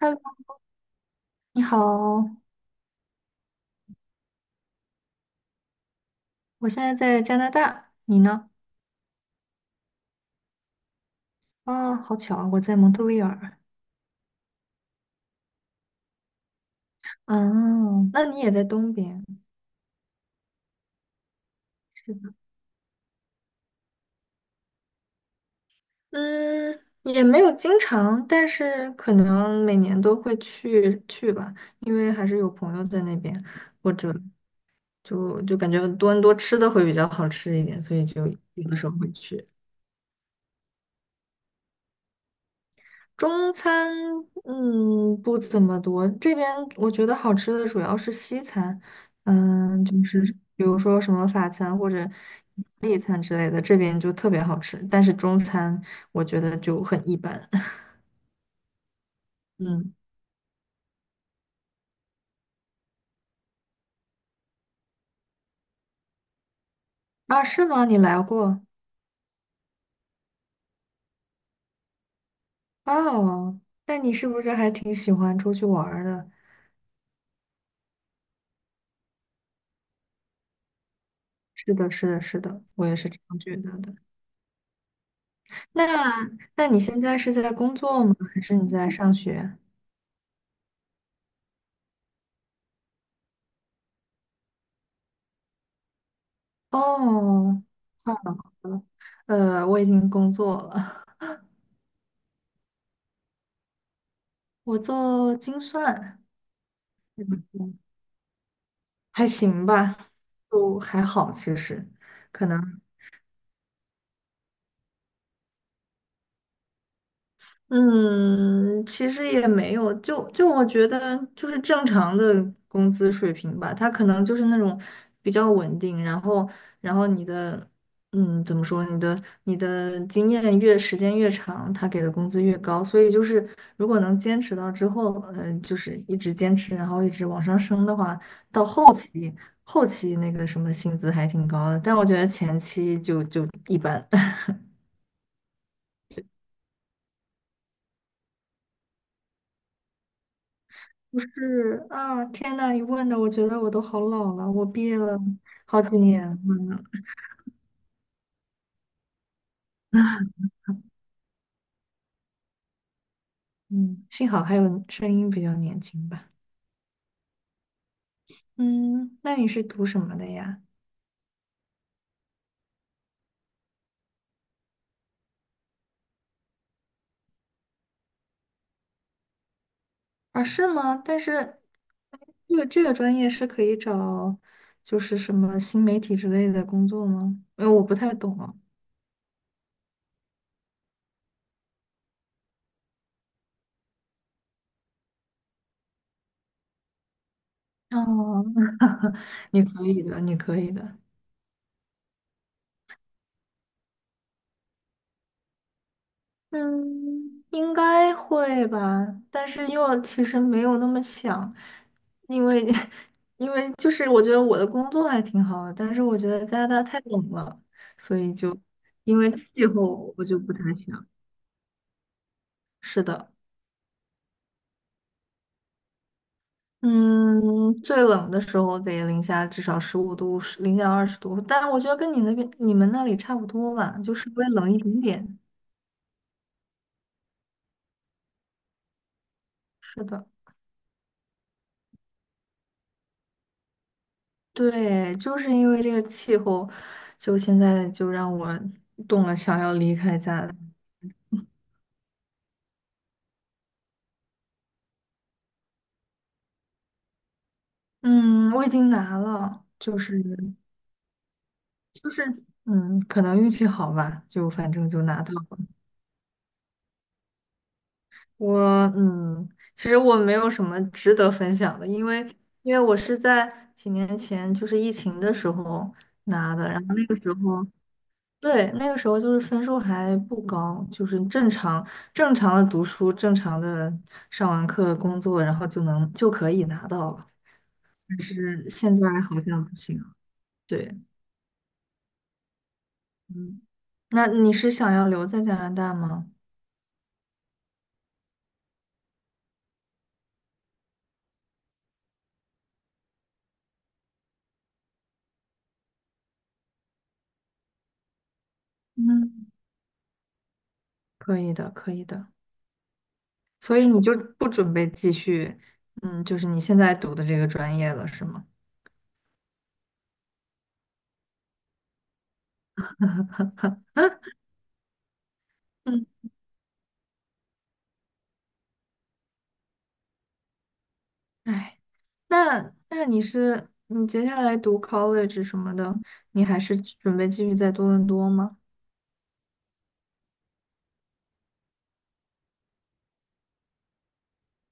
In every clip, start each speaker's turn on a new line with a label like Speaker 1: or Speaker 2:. Speaker 1: Hello，你好，我现在在加拿大，你呢？啊，好巧啊，我在蒙特利尔。啊，那你也在东边，是的。嗯，也没有经常，但是可能每年都会去去吧，因为还是有朋友在那边，或者就感觉多伦多吃的会比较好吃一点，所以就有的时候会去。中餐，不怎么多。这边我觉得好吃的主要是西餐，就是比如说什么法餐或者意大利餐之类的，这边就特别好吃。但是中餐我觉得就很一般。嗯，啊，是吗？你来过？哦，那你是不是还挺喜欢出去玩儿的？是的，是的，是的，我也是这样觉得的。那，那你现在是在工作吗？还是你在上学？哦，太好了，我已经工作了，我做精算，嗯还行吧，就还好，其实可能。嗯，其实也没有，就我觉得就是正常的工资水平吧，他可能就是那种比较稳定，然后你的嗯怎么说，你的经验越时间越长，他给的工资越高，所以就是如果能坚持到之后，就是一直坚持，然后一直往上升的话，到后期那个什么薪资还挺高的，但我觉得前期就一般。不是啊，天呐，你问的，我觉得我都好老了，我毕业了好几年了。嗯，幸好还有声音比较年轻吧。嗯，那你是读什么的呀？啊，是吗？但是这个专业是可以找，就是什么新媒体之类的工作吗？因为我不太懂哦。哦，你可以的，你可以的。嗯，应该会吧，但是又其实没有那么想，因为 因为就是我觉得我的工作还挺好的，但是我觉得加拿大太冷了，所以就因为气候我就不太想。是的，嗯，最冷的时候得零下至少15度，零下20度，但我觉得跟你那边你们那里差不多吧，就稍微冷一点点。是的。对，就是因为这个气候，就现在就让我动了想要离开家的。嗯，我已经拿了，就是，可能运气好吧，就反正就拿到了。我嗯，其实我没有什么值得分享的，因为我是在几年前就是疫情的时候拿的，然后那个时候。对，那个时候就是分数还不高，就是正常的读书，正常的上完课工作，然后就可以拿到了。但是现在好像不行。对，嗯，那你是想要留在加拿大吗？嗯，可以的，可以的。所以你就不准备继续，就是你现在读的这个专业了，是吗？嗯，哎，那那你接下来读 college 什么的，你还是准备继续在多伦多吗？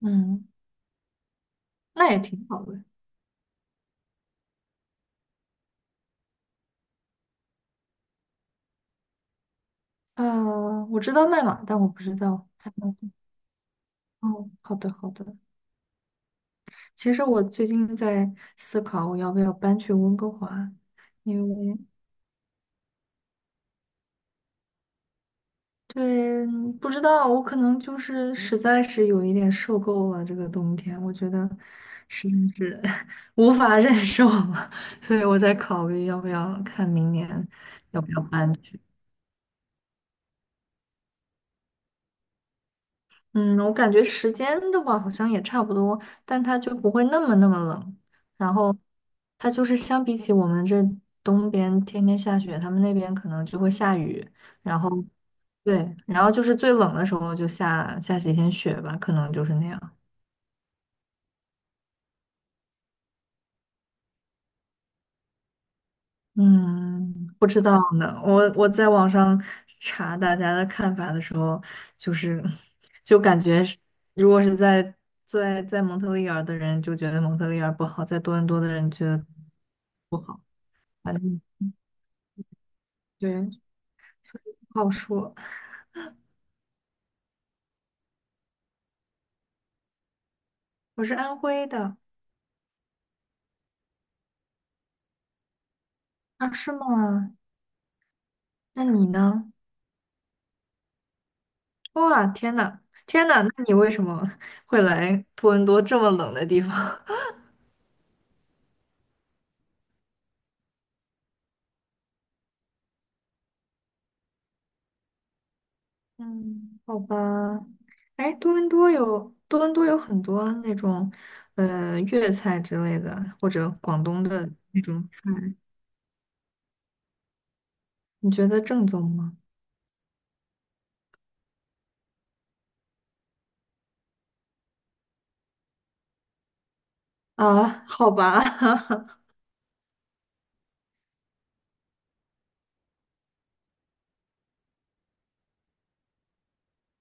Speaker 1: 嗯，那也挺好的。我知道麦马，但我不知道还有。哦，好的好的。其实我最近在思考，我要不要搬去温哥华，因为对，不知道我可能就是实在是有一点受够了这个冬天，我觉得实在是 无法忍受了，所以我在考虑要不要看明年要不要搬。嗯，我感觉时间的话好像也差不多，但它就不会那么那么冷。然后它就是相比起我们这东边天天下雪，他们那边可能就会下雨。然后对，然后就是最冷的时候就下几天雪吧，可能就是那样。嗯，不知道呢。我在网上查大家的看法的时候，就是就感觉是，如果是在在蒙特利尔的人就觉得蒙特利尔不好，在多伦多的人觉得不好，反正对，不好说。我是安徽的。啊，是吗？那你呢？哇，天呐，天呐，那你为什么 会来多伦多这么冷的地方？嗯，好吧。哎，多伦多有很多那种粤菜之类的，或者广东的那种菜，你觉得正宗吗？啊，好吧，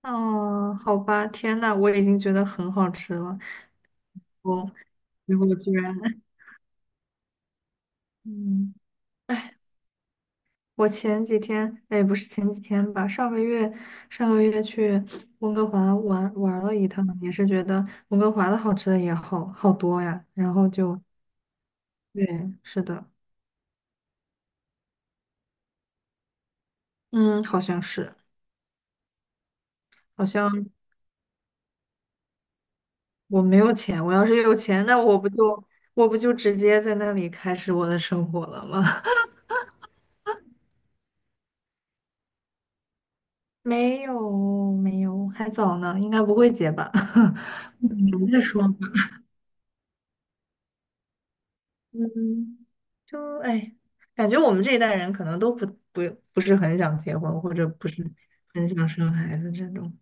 Speaker 1: 哦，好吧，天呐，我已经觉得很好吃了，我结果居然，嗯。哎，我前几天，哎，不是前几天吧，上个月去温哥华玩玩了一趟，也是觉得温哥华的好吃的也好好多呀。然后就，对，是的，嗯，好像是，好像我没有钱，我要是有钱，那我不就直接在那里开始我的生活了吗？没有，没有，还早呢，应该不会结吧？嗯，再说。嗯，就哎，感觉我们这一代人可能都不不是很想结婚，或者不是很想生孩子这种。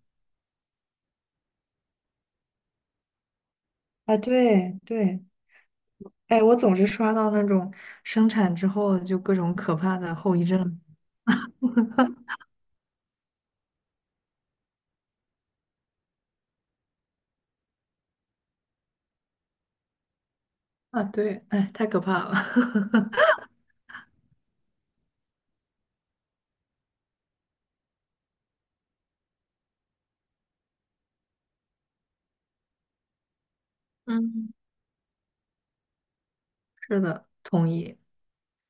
Speaker 1: 啊，对对，哎，我总是刷到那种生产之后就各种可怕的后遗症。啊，对，哎，太可怕了。嗯，是的，同意。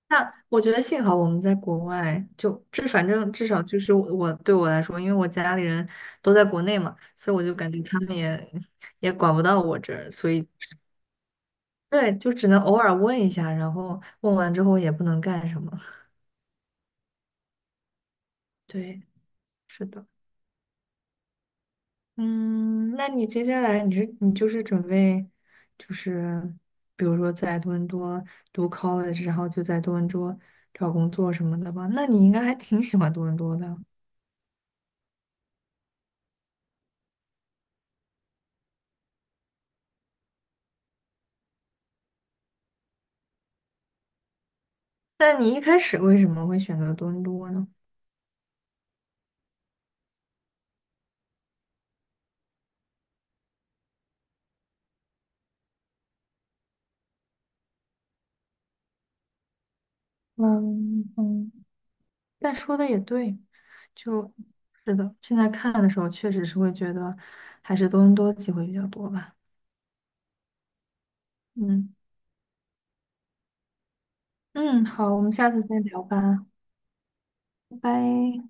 Speaker 1: 那我觉得幸好我们在国外，就这反正至少就是我对我来说，因为我家里人都在国内嘛，所以我就感觉他们也管不到我这儿，所以对，就只能偶尔问一下，然后问完之后也不能干什么。对，是的。嗯，那你接下来你就是准备，就是比如说在多伦多读 college，然后就在多伦多找工作什么的吧？那你应该还挺喜欢多伦多的。那你一开始为什么会选择多伦多呢？嗯嗯，但说的也对，就是的，现在看的时候确实是会觉得还是多伦多机会比较多吧。嗯。嗯，好，我们下次再聊吧，拜拜。